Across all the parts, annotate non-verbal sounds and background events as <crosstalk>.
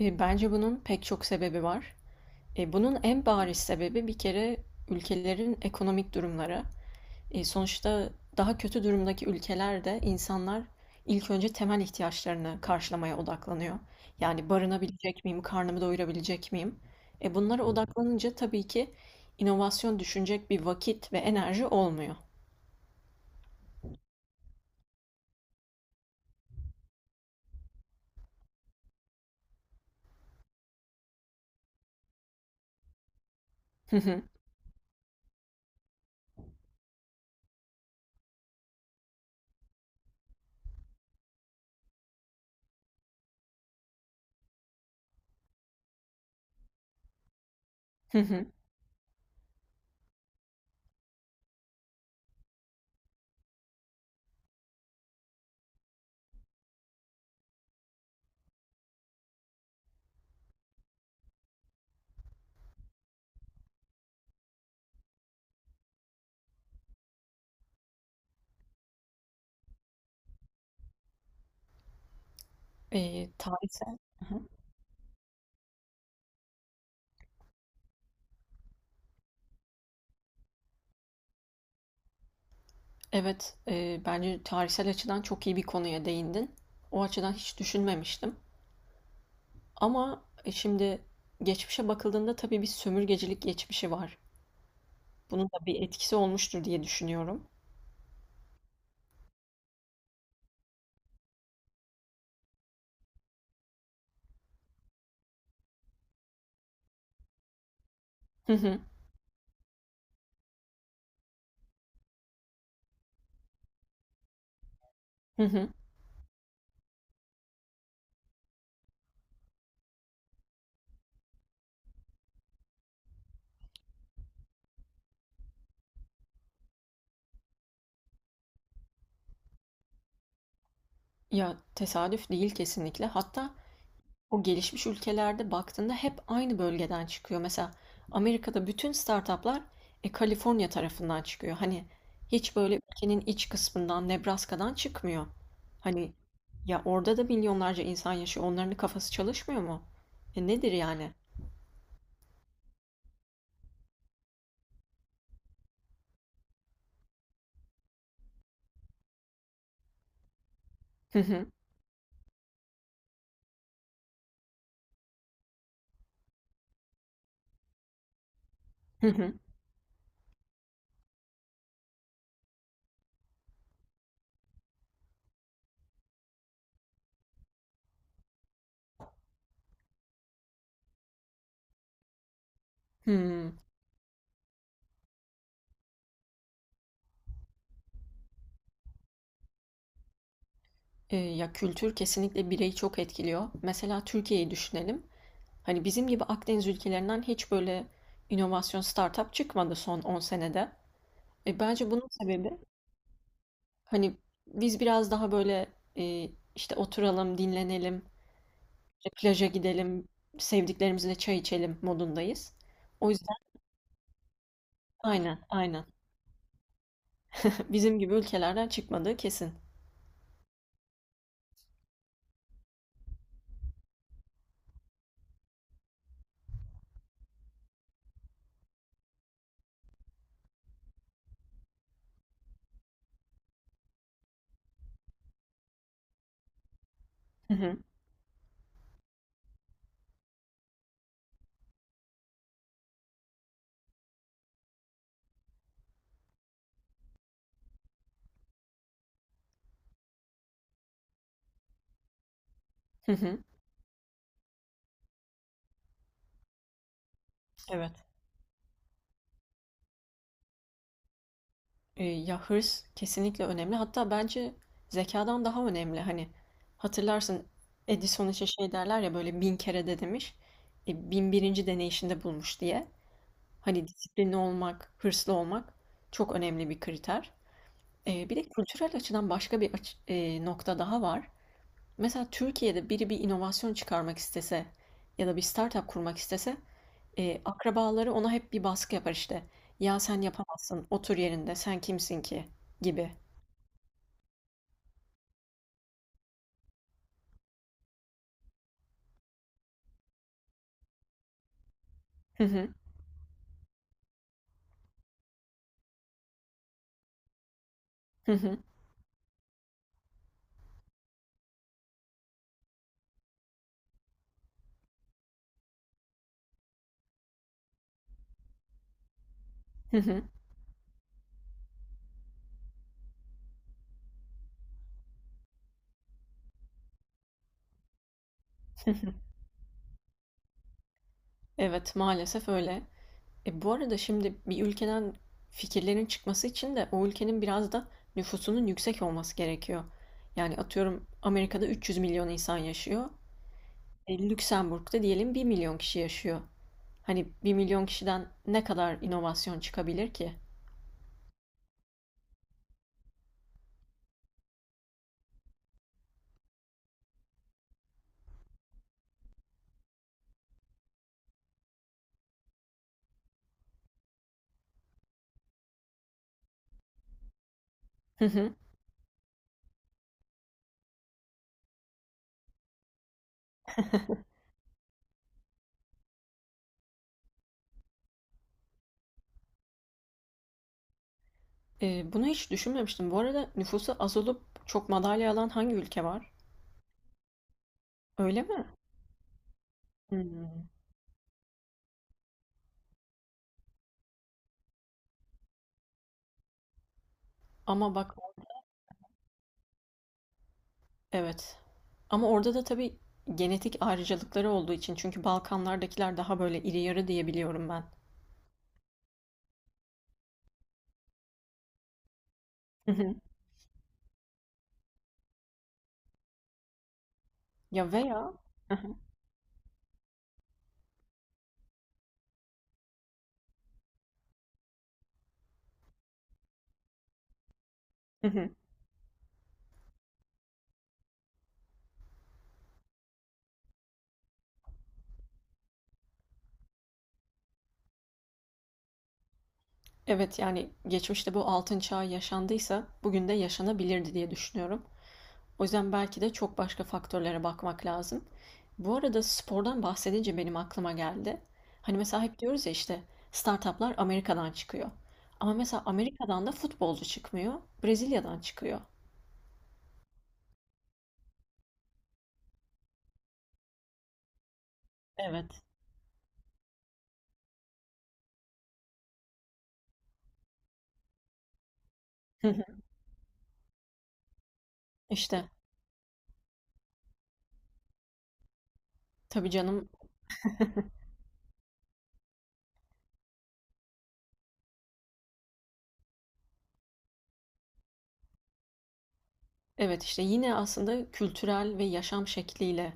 Bence bunun pek çok sebebi var. Bunun en bariz sebebi bir kere ülkelerin ekonomik durumları. Sonuçta daha kötü durumdaki ülkelerde insanlar ilk önce temel ihtiyaçlarını karşılamaya odaklanıyor. Yani barınabilecek miyim, karnımı doyurabilecek miyim? Bunlara odaklanınca tabii ki inovasyon düşünecek bir vakit ve enerji olmuyor. Hı hı, hı hı. E, tarihsel, evet, bence tarihsel açıdan çok iyi bir konuya değindin. O açıdan hiç düşünmemiştim. Ama şimdi geçmişe bakıldığında tabii bir sömürgecilik geçmişi var. Bunun da bir etkisi olmuştur diye düşünüyorum. Hı hı, hı hı. Ya tesadüf değil kesinlikle. Hatta o gelişmiş ülkelerde baktığında hep aynı bölgeden çıkıyor. Mesela Amerika'da bütün startuplar Kaliforniya tarafından çıkıyor. Hani hiç böyle ülkenin iç kısmından, Nebraska'dan çıkmıyor. Hani ya orada da milyonlarca insan yaşıyor. Onların kafası çalışmıyor mu? Nedir yani? Hı hı, hı hı, hı. Ya, kültür kesinlikle bireyi çok etkiliyor. Mesela Türkiye'yi düşünelim. Hani bizim gibi Akdeniz ülkelerinden hiç böyle inovasyon startup çıkmadı son 10 senede. Bence bunun sebebi hani biz biraz daha böyle işte oturalım, dinlenelim, işte plaja gidelim, sevdiklerimizle çay içelim modundayız. O yüzden aynen, aynen. <laughs> Bizim gibi ülkelerden çıkmadığı kesin. Hı hı, hı hı. Evet. Ya hırs kesinlikle önemli. Hatta bence zekadan daha önemli. Hani hatırlarsın Edison için şey derler ya böyle bin kere de demiş. Bin birinci deneyişinde bulmuş diye. Hani disiplinli olmak, hırslı olmak çok önemli bir kriter. Bir de kültürel açıdan başka bir nokta daha var. Mesela Türkiye'de biri bir inovasyon çıkarmak istese ya da bir startup kurmak istese akrabaları ona hep bir baskı yapar işte. Ya sen yapamazsın, otur yerinde, sen kimsin ki gibi. Hı hı. Hı hı. Hı hı. Hı hı. Evet, maalesef öyle. Bu arada şimdi bir ülkeden fikirlerin çıkması için de o ülkenin biraz da nüfusunun yüksek olması gerekiyor. Yani atıyorum Amerika'da 300 milyon insan yaşıyor. Lüksemburg'da diyelim 1 milyon kişi yaşıyor. Hani 1 milyon kişiden ne kadar inovasyon çıkabilir ki? Hı hı. Bunu hiç düşünmemiştim. Bu arada nüfusu az olup çok madalya alan hangi ülke var? Öyle mi? Hmm. Ama bak. Evet. Ama orada da tabii genetik ayrıcalıkları olduğu için çünkü Balkanlardakiler daha böyle iri yarı diye biliyorum ben. Hı hı. Ya veya. Hı hı. Hı hı. Evet yani geçmişte bu altın çağı yaşandıysa bugün de yaşanabilirdi diye düşünüyorum. O yüzden belki de çok başka faktörlere bakmak lazım. Bu arada spordan bahsedince benim aklıma geldi. Hani mesela hep diyoruz ya işte startuplar Amerika'dan çıkıyor. Ama mesela Amerika'dan da futbolcu çıkmıyor, Brezilya'dan çıkıyor. Evet. Hı hı. İşte. Tabii canım. Evet işte yine aslında kültürel ve yaşam şekliyle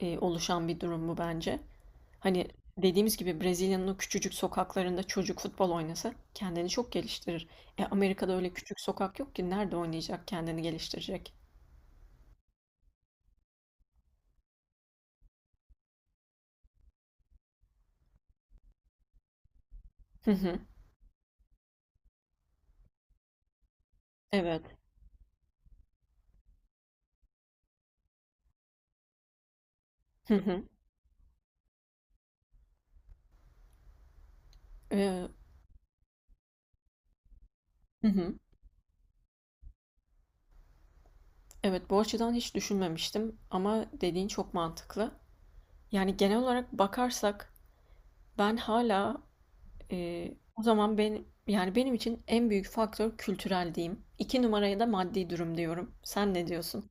oluşan bir durum bu bence. Hani dediğimiz gibi Brezilya'nın o küçücük sokaklarında çocuk futbol oynasa kendini çok geliştirir. Amerika'da öyle küçük sokak yok ki nerede oynayacak kendini geliştirecek. Hı hı. Evet. Hı hı. E, hı hı. Evet bu açıdan hiç düşünmemiştim ama dediğin çok mantıklı. Yani genel olarak bakarsak ben hala. O zaman ben yani benim için en büyük faktör kültürel diyeyim. 2 numaraya da maddi durum diyorum. Sen ne diyorsun?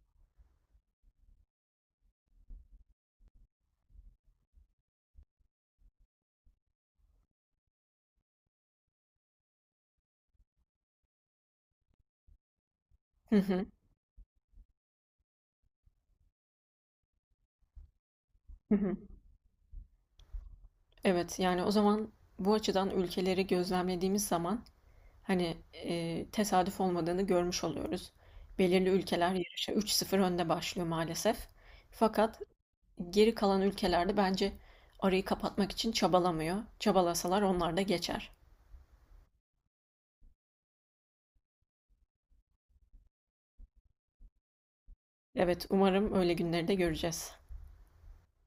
Hı hı. Hı hı. Evet yani o zaman bu açıdan ülkeleri gözlemlediğimiz zaman hani tesadüf olmadığını görmüş oluyoruz. Belirli ülkeler yarışa 3-0 önde başlıyor maalesef. Fakat geri kalan ülkelerde bence arayı kapatmak için çabalamıyor. Çabalasalar onlar da geçer. Evet umarım öyle günleri de göreceğiz.